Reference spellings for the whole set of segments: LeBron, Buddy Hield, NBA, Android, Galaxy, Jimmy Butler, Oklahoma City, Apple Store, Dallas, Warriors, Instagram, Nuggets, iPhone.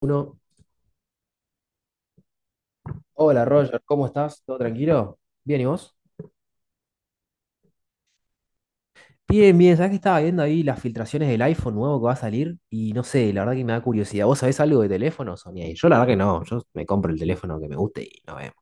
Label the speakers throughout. Speaker 1: Uno. Hola Roger, ¿cómo estás? ¿Todo tranquilo? Bien, ¿y vos? Bien, bien, ¿sabés que estaba viendo ahí las filtraciones del iPhone nuevo que va a salir? Y no sé, la verdad que me da curiosidad. ¿Vos sabés algo de teléfonos, Sonia? Y yo la verdad que no, yo me compro el teléfono que me guste y no vemos.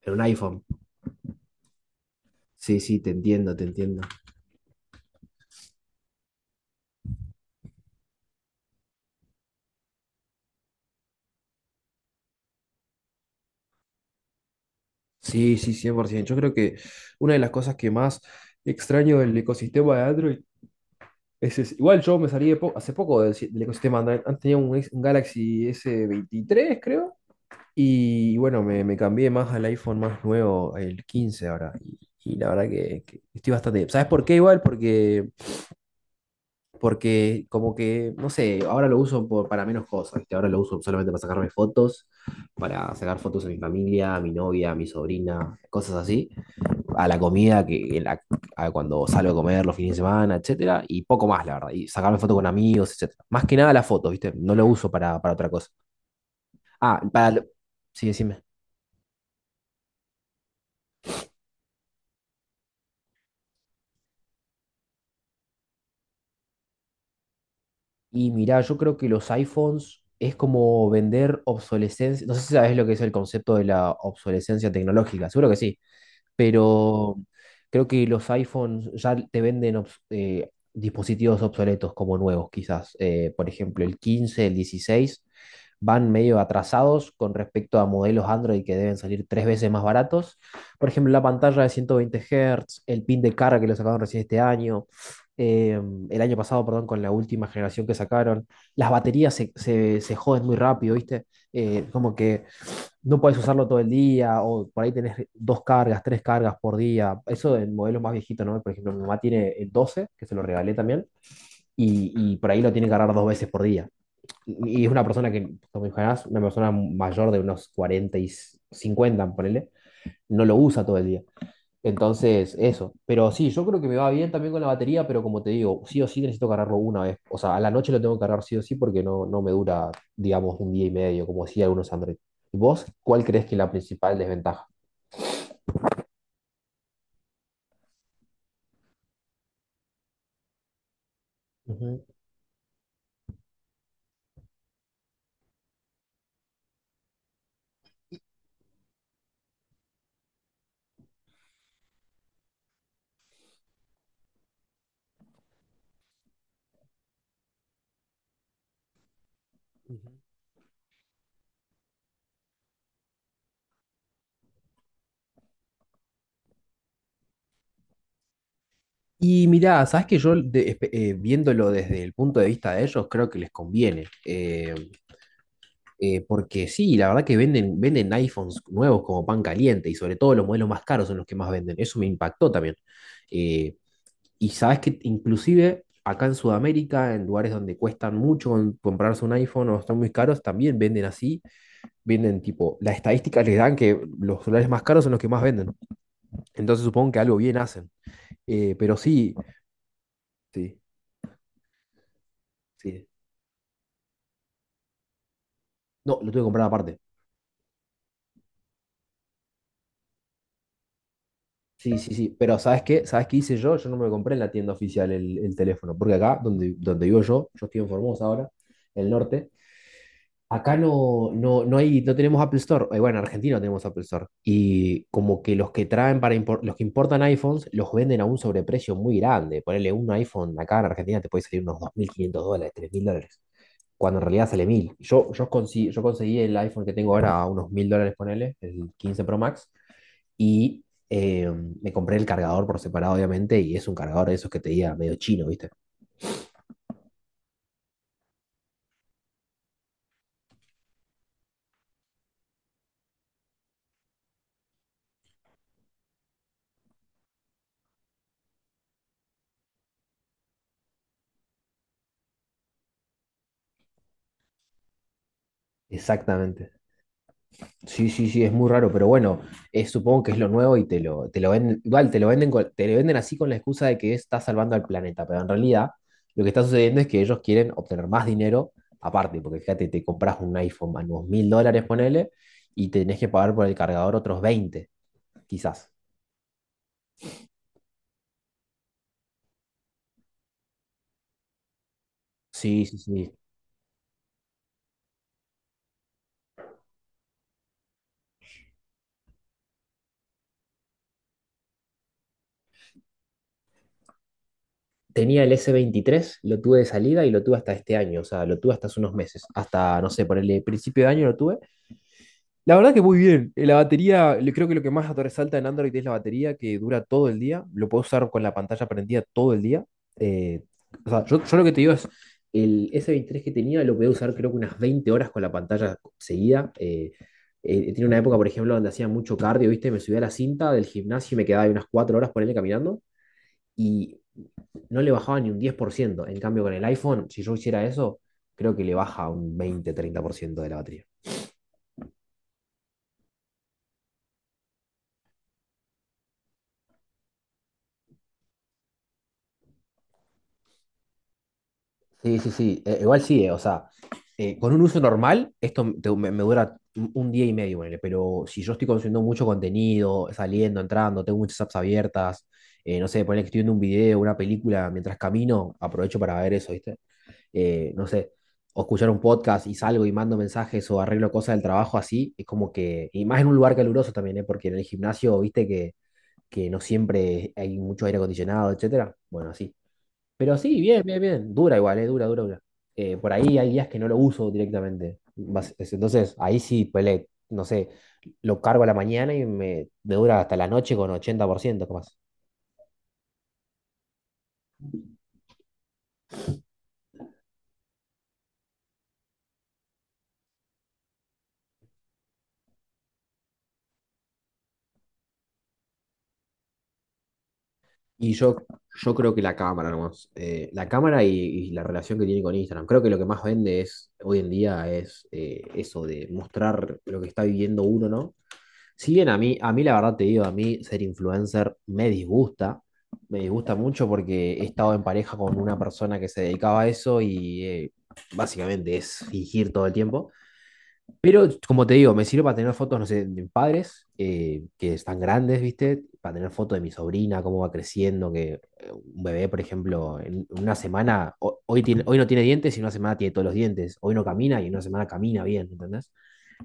Speaker 1: Pero un iPhone. Sí, sí, te entiendo, te entiendo. Sí, sí, 100%. Yo creo que una de las cosas que más extraño del ecosistema de Android es ese. Igual yo me salí hace poco del, si- del ecosistema Android. Antes tenía un Galaxy S23, creo. Y bueno, me cambié más al iPhone más nuevo, el 15 ahora. Y la verdad que estoy bastante. ¿Sabes por qué igual? Porque como que, no sé, ahora lo uso para menos cosas, ¿viste? Ahora lo uso solamente para sacarme fotos, para sacar fotos a mi familia, a mi novia, a mi sobrina, cosas así. A la comida, a cuando salgo a comer los fines de semana, etcétera. Y poco más, la verdad. Y sacarme fotos con amigos, etcétera. Más que nada las fotos, ¿viste? No lo uso para otra cosa. Ah, Sí, decime. Y mirá, yo creo que los iPhones es como vender obsolescencia. No sé si sabes lo que es el concepto de la obsolescencia tecnológica, seguro que sí, pero creo que los iPhones ya te venden dispositivos obsoletos como nuevos, quizás. Por ejemplo, el 15, el 16 van medio atrasados con respecto a modelos Android que deben salir tres veces más baratos. Por ejemplo, la pantalla de 120 Hz, el pin de carga que lo sacaron recién este año, eh, el año pasado, perdón, con la última generación que sacaron. Las baterías se joden muy rápido, ¿viste? Como que no puedes usarlo todo el día, o por ahí tenés dos cargas, tres cargas por día. Eso en modelos más viejitos, ¿no? Por ejemplo, mi mamá tiene el doce que se lo regalé también, y por ahí lo tiene que cargar dos veces por día. Y es una persona que, como imaginás, una persona mayor de unos 40 y 50 ponele, no lo usa todo el día. Entonces, eso. Pero sí, yo creo que me va bien también con la batería, pero como te digo, sí o sí necesito cargarlo una vez. O sea, a la noche lo tengo que cargar sí o sí porque no me dura, digamos, un día y medio, como sí algunos Android. ¿Y vos cuál crees que es la principal desventaja? Ujú, ujú. Y mirá, sabes que yo viéndolo desde el punto de vista de ellos, creo que les conviene. Porque sí, la verdad que venden iPhones nuevos como pan caliente, y sobre todo los modelos más caros son los que más venden. Eso me impactó también. Y sabes que inclusive acá en Sudamérica, en lugares donde cuestan mucho comprarse un iPhone o están muy caros, también venden así. Venden tipo, las estadísticas les dan que los celulares más caros son los que más venden. Entonces supongo que algo bien hacen. Pero sí, sí, sí. No, lo tuve que comprar aparte. Sí, sí, sí. Pero ¿sabes qué? ¿Sabes qué hice yo? Yo no me compré en la tienda oficial el teléfono. Porque acá, donde vivo yo, yo estoy en Formosa ahora, el norte. Acá no hay, no tenemos Apple Store. Bueno, en Argentina no tenemos Apple Store. Y como que los que traen los que importan iPhones los venden a un sobreprecio muy grande. Ponerle un iPhone acá en Argentina te puede salir unos $2.500, $3.000. Cuando en realidad sale mil. Yo conseguí el iPhone que tengo ahora a unos $1.000, ponele, el 15 Pro Max. Y me compré el cargador por separado, obviamente. Y es un cargador de esos que te diga medio chino, ¿viste? Exactamente. Sí, sí, sí, es muy raro, pero bueno, supongo que es lo nuevo y te lo venden, igual te lo venden, te lo venden así con la excusa de que está salvando al planeta, pero en realidad lo que está sucediendo es que ellos quieren obtener más dinero aparte, porque fíjate, te compras un iPhone a unos $1.000, ponele, y tenés que pagar por el cargador otros 20, quizás. Sí, sí, sí. Tenía el s veintitrés, lo tuve de salida y lo tuve hasta este año, o sea, lo tuve hasta hace unos meses, hasta, no sé, por el principio de año lo tuve. La verdad que muy bien. Creo que lo que más resalta en Android es la batería que dura todo el día. Lo puedo usar con la pantalla prendida todo el día. Eh, o sea, yo lo que te digo es, el S23 que tenía lo podía usar creo que unas 20 horas con la pantalla seguida. Tiene una época, por ejemplo, donde hacía mucho cardio, ¿viste? Me subía a la cinta del gimnasio y me quedaba ahí unas 4 horas por él caminando y no le bajaba ni un 10%. En cambio, con el iPhone, si yo hiciera eso, creo que le baja un veinte treinta por ciento de la batería. Sí, sí, sí. Igual sí, o sea, con un uso normal, me dura un día y medio, ponele, pero si yo estoy consumiendo mucho contenido, saliendo, entrando, tengo muchas apps abiertas, no sé, ponele que estoy viendo un video, una película mientras camino, aprovecho para ver eso, ¿viste? No sé, o escuchar un podcast y salgo y mando mensajes o arreglo cosas del trabajo así, es como que, y más en un lugar caluroso también, ¿eh? Porque en el gimnasio, viste que no siempre hay mucho aire acondicionado, etcétera. Bueno, así. Pero sí, bien, bien, bien. Dura igual, dura, dura, dura. Por ahí hay días que no lo uso directamente. Entonces, ahí sí, pele, no sé, lo cargo a la mañana y me dura hasta la noche con 80% capaz. Y yo creo que la cámara nomás. La cámara y la relación que tiene con Instagram. Creo que lo que más vende es hoy en día es eso de mostrar lo que está viviendo uno, ¿no? Si bien a mí la verdad te digo, a mí ser influencer me disgusta mucho porque he estado en pareja con una persona que se dedicaba a eso y básicamente es fingir todo el tiempo. Pero como te digo, me sirve para tener fotos, no sé, de mis padres que están grandes, ¿viste? Para tener fotos de mi sobrina, cómo va creciendo, que un bebé, por ejemplo, en una semana, hoy, hoy no tiene dientes, y en una semana tiene todos los dientes, hoy no camina y en una semana camina bien, ¿entendés?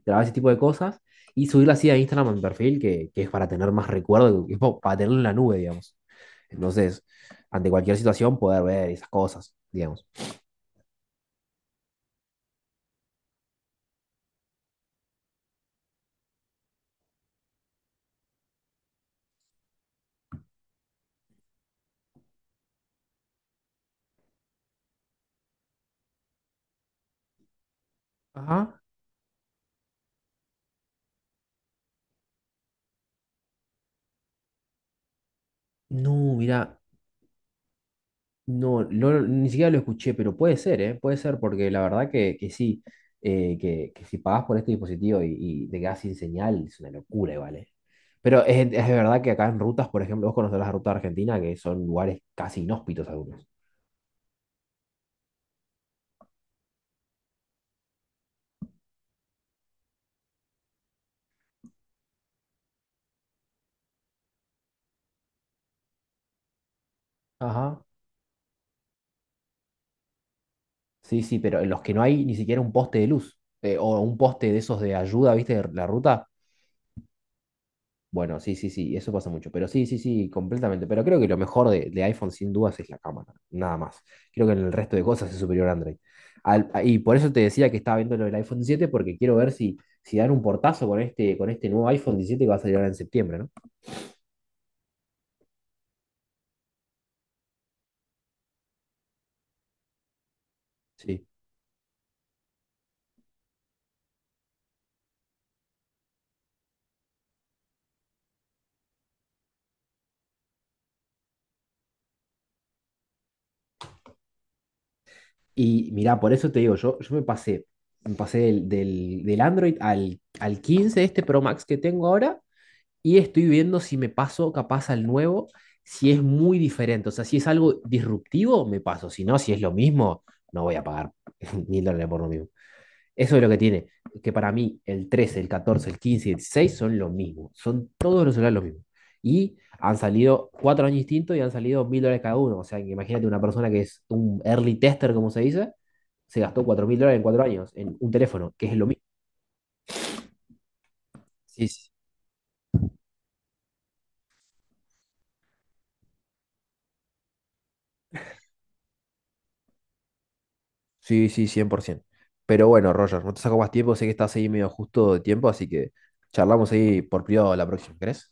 Speaker 1: Grabar ese tipo de cosas y subirlo así a Instagram a mi perfil, que es para tener más recuerdo, que es para tenerlo en la nube, digamos. Entonces, ante cualquier situación, poder ver esas cosas, digamos. Ajá. No, mira, no, ni siquiera lo escuché, pero puede ser, ¿eh? Puede ser, porque la verdad que sí, que si pagas por este dispositivo y te quedas sin señal, es una locura, ¿vale? Pero es de verdad que acá en rutas, por ejemplo, vos conocerás la ruta de Argentina, que son lugares casi inhóspitos algunos. Ajá. Sí, sí, pero en los que no hay ni siquiera un poste de luz o un poste de esos de ayuda, ¿viste? De la ruta. Bueno, sí, sí, sí, eso pasa mucho. Pero sí, sí, sí, completamente. Pero creo que lo mejor de iPhone sin dudas es la cámara, nada más. Creo que en el resto de cosas es superior a Android. Y por eso te decía que estaba viendo lo del iPhone 7, porque quiero ver si dan un portazo con este nuevo iPhone 17 que va a salir ahora en septiembre, ¿no? Sí. Y mirá, por eso te digo, yo me pasé del Android al 15 este Pro Max que tengo ahora, y estoy viendo si me paso capaz al nuevo, si es muy diferente, o sea, si es algo disruptivo, me paso, si no, si es lo mismo, no voy a pagar $1.000 por lo mismo. Eso es lo que tiene, que para mí el trece, el catorce, el quince, el 16 son lo mismo, son todos los celulares lo mismo. Y han salido cuatro años distintos y han salido $1.000 cada uno, o sea, imagínate una persona que es un early tester, como se dice, se gastó $4.000 en cuatro años en un teléfono, que es lo mismo. Sí, sí. Sí, sí, 100%. Pero bueno, Roger, no te saco más tiempo, sé que estás ahí medio justo de tiempo, así que charlamos ahí por privado la próxima, ¿crees?